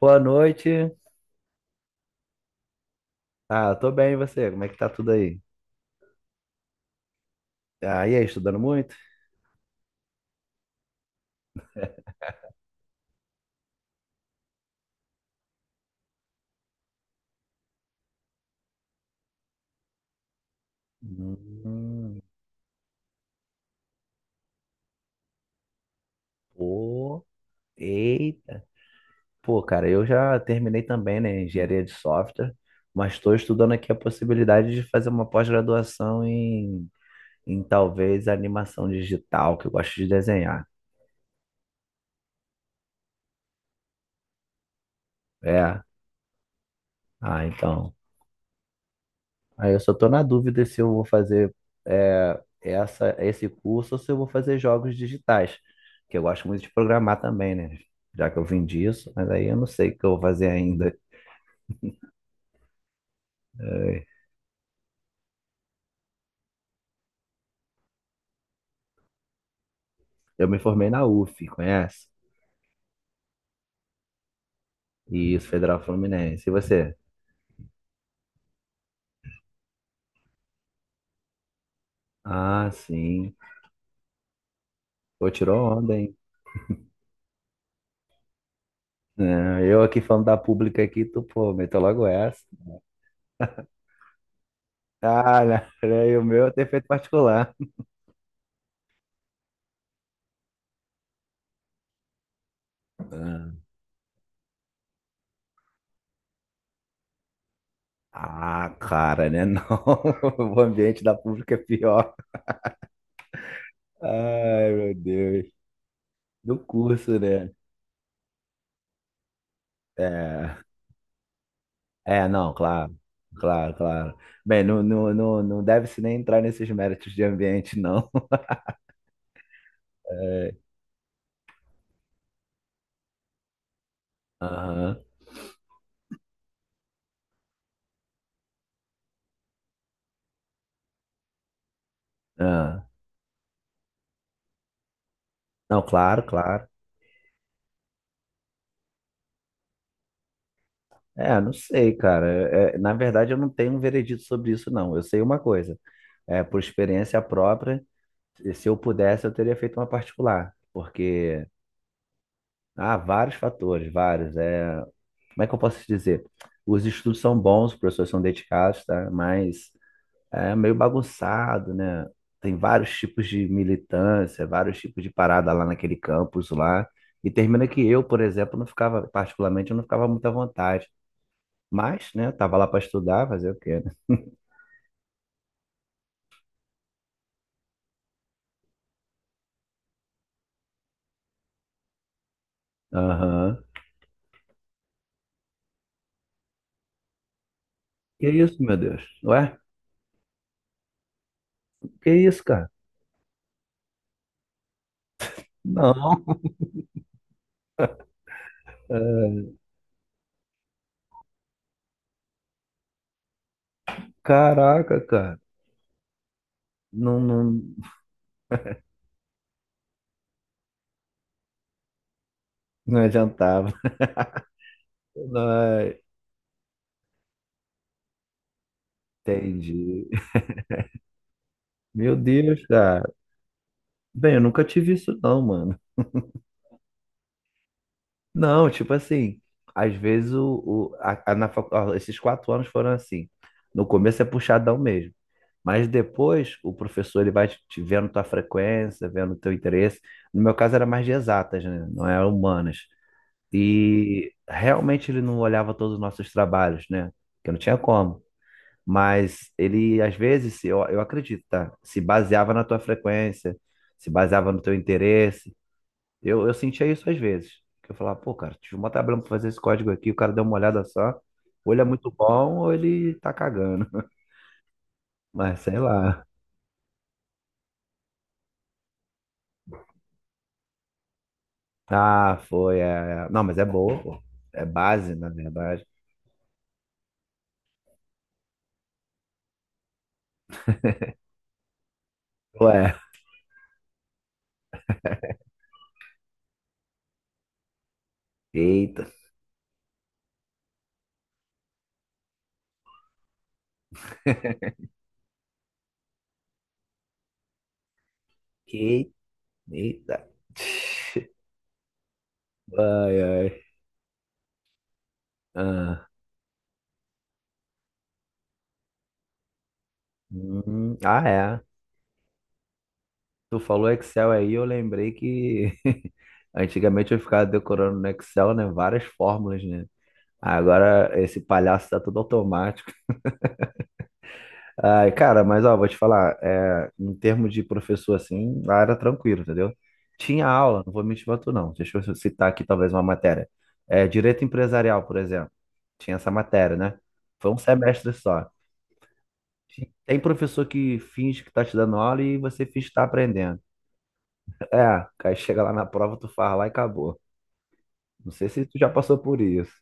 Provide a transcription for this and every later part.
Boa noite. Ah, tô bem, e você? Como é que tá tudo aí? Ah, e aí, estudando muito? Hum, pô, eita. Pô, cara, eu já terminei também, né, engenharia de software, mas estou estudando aqui a possibilidade de fazer uma pós-graduação em talvez animação digital, que eu gosto de desenhar. É, ah, então. Aí eu só tô na dúvida se eu vou fazer, esse curso ou se eu vou fazer jogos digitais, que eu gosto muito de programar também, né? Já que eu vim disso, mas aí eu não sei o que eu vou fazer ainda. É, eu me formei na UF, conhece? Isso, Federal Fluminense. E você? Ah, sim. Pô, tirou onda, hein? É, eu aqui falando da pública aqui, tu, pô, meteu logo essa. Ah, né? E o meu tem feito particular. Ah, cara, né? Não, o ambiente da pública é pior. Ai, meu Deus. Do curso, né? É, é, não, claro, claro, claro. Bem, não, não, não, não deve-se nem entrar nesses méritos de ambiente, não. É, aham, ah. Não, claro, claro. É, não sei, cara. É, é, na verdade, eu não tenho um veredito sobre isso, não. Eu sei uma coisa. É, por experiência própria, se eu pudesse, eu teria feito uma particular. Porque há vários fatores, vários. É, como é que eu posso te dizer? Os estudos são bons, os professores são dedicados, tá? Mas é meio bagunçado, né? Tem vários tipos de militância, vários tipos de parada lá naquele campus lá. E termina que eu, por exemplo, não ficava, particularmente, eu não ficava muito à vontade. Mas, né, tava lá para estudar, fazer o quê, né? Aham. Que isso, meu Deus? Ué? Que isso, cara? Não. É, caraca, cara. Não, não, não adiantava. Ai, entendi. Meu Deus, cara. Bem, eu nunca tive isso, não, mano. Não, tipo assim, às vezes o, a- na facu- ó, esses 4 anos foram assim. No começo é puxadão mesmo, mas depois o professor ele vai te vendo tua frequência, vendo teu interesse. No meu caso era mais de exatas, né? Não era humanas. E realmente ele não olhava todos os nossos trabalhos, né? Porque não tinha como. Mas ele, às vezes, eu acredito, tá? Se baseava na tua frequência, se baseava no teu interesse. Eu sentia isso às vezes. Que eu falava, pô, cara, tive uma tabela pra fazer esse código aqui, o cara deu uma olhada só. Ou ele é muito bom, ou ele tá cagando. Mas sei lá. Ah, foi. É, é. Não, mas é boa, pô. É base, na verdade. Ué, eita. Que- Eita. Ai, ai. Ah, ah, é. Tu falou Excel aí, eu lembrei que antigamente eu ficava decorando no Excel, né? Várias fórmulas, né? Agora esse palhaço tá tudo automático. Ai, cara, mas ó, vou te falar, é, em termos de professor, assim, lá era tranquilo, entendeu? Tinha aula, não vou mentir pra tu, não. Deixa eu citar aqui talvez uma matéria. É, direito empresarial, por exemplo. Tinha essa matéria, né? Foi um semestre só. Tem professor que finge que tá te dando aula e você finge que tá aprendendo. É, aí chega lá na prova, tu faz lá e acabou. Não sei se tu já passou por isso.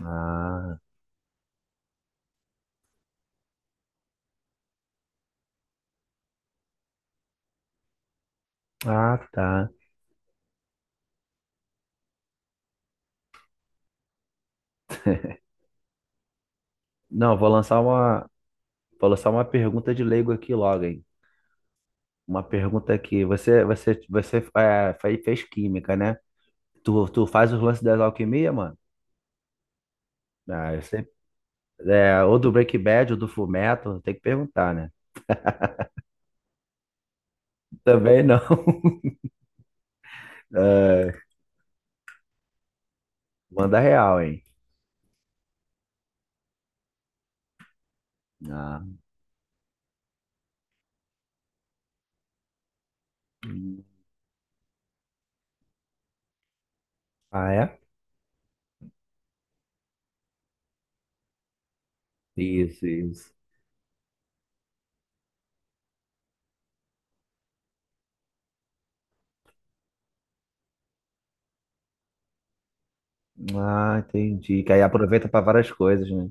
Ah, ah, tá. Não, vou lançar uma pergunta de leigo aqui logo, hein? Uma pergunta aqui. Você fez química, né? Tu faz os lances das alquimia, mano? Ah, eu sempre, é, ou do Breaking Bad, ou do Fullmetal, tem que perguntar, né? Também não. É, manda real, hein? Ah, hum. Ah, é? Isso, isso. Ah, entendi. Que aí aproveita pra várias coisas, né?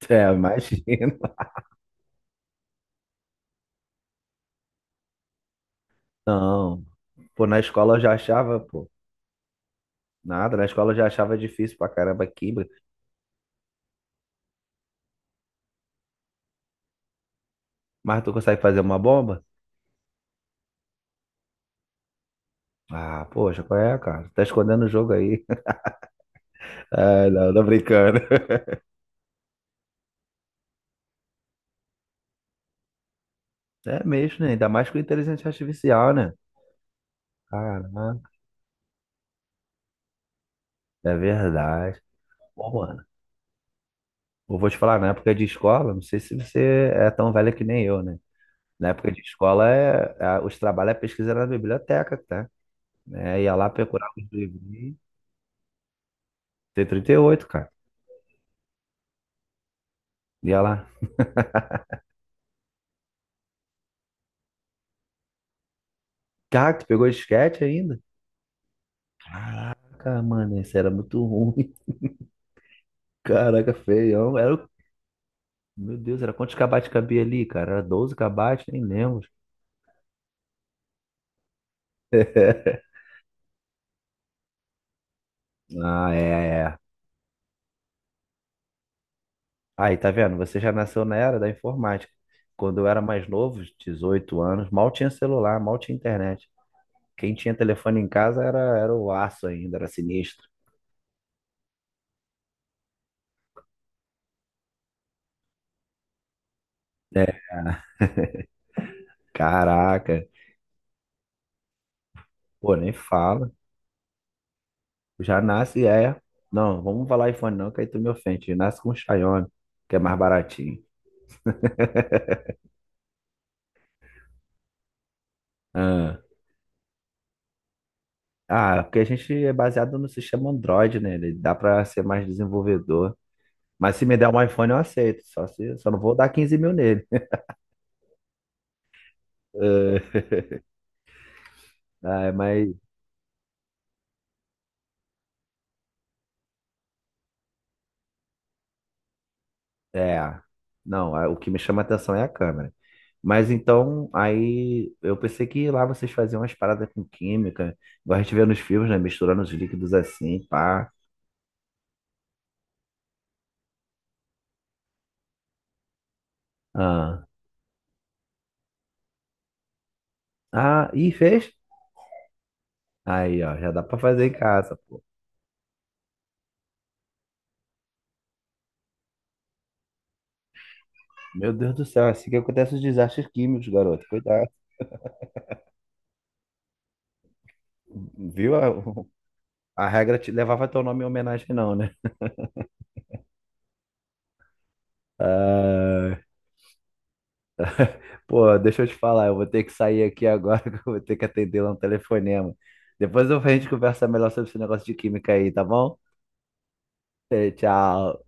É, imagina. Não. Pô, na escola eu já achava, pô, nada. Na escola eu já achava difícil pra caramba química. Mas tu consegue fazer uma bomba? Ah, poxa, qual é, cara? Tá escondendo o jogo aí. Ah, não, tô brincando. É mesmo, né? Ainda mais com inteligência artificial, né? Caraca, é verdade. Bom, mano, eu vou te falar, na época de escola, não sei se você é tão velha que nem eu, né? Na época de escola, os trabalhos, a pesquisa era na biblioteca, tá? É, ia lá procurar os livrinhos. Tem 38, cara. Ia lá. Cara, tu pegou disquete ainda? Cara, mano, isso era muito ruim. Caraca, feião. Era o Meu Deus, era quantos kbytes cabia ali, cara? Era 12 kbytes, nem lembro. Ah, é, é. Aí, tá vendo? Você já nasceu na era da informática. Quando eu era mais novo, 18 anos, mal tinha celular, mal tinha internet. Quem tinha telefone em casa era o aço ainda, era sinistro. É, caraca. Pô, nem fala. Já nasce, é. Não, vamos falar iPhone não, que aí tu me ofende. Nasce com Xiaomi, que é mais baratinho. Ah. Ah, porque a gente é baseado no sistema Android, né? Ele dá pra ser mais desenvolvedor. Mas se me der um iPhone, eu aceito. Só não vou dar 15 mil nele. Eh, ah, mas, é. Não, ah, o que me chama a atenção é a câmera. Mas então, aí eu pensei que lá vocês faziam umas paradas com química, igual a gente vê nos filmes, né? Misturando os líquidos assim, pá. Ah, ah, e fez? Aí, ó, já dá pra fazer em casa. Meu Deus do céu, é assim que acontece os desastres químicos, garoto. Cuidado. Viu? A regra te levava teu nome em homenagem, não, né? Ah, pô, deixa eu te falar, eu vou ter que sair aqui agora, que eu vou ter que atender lá um telefonema. Depois a gente conversa melhor sobre esse negócio de química aí, tá bom? Eh, tchau.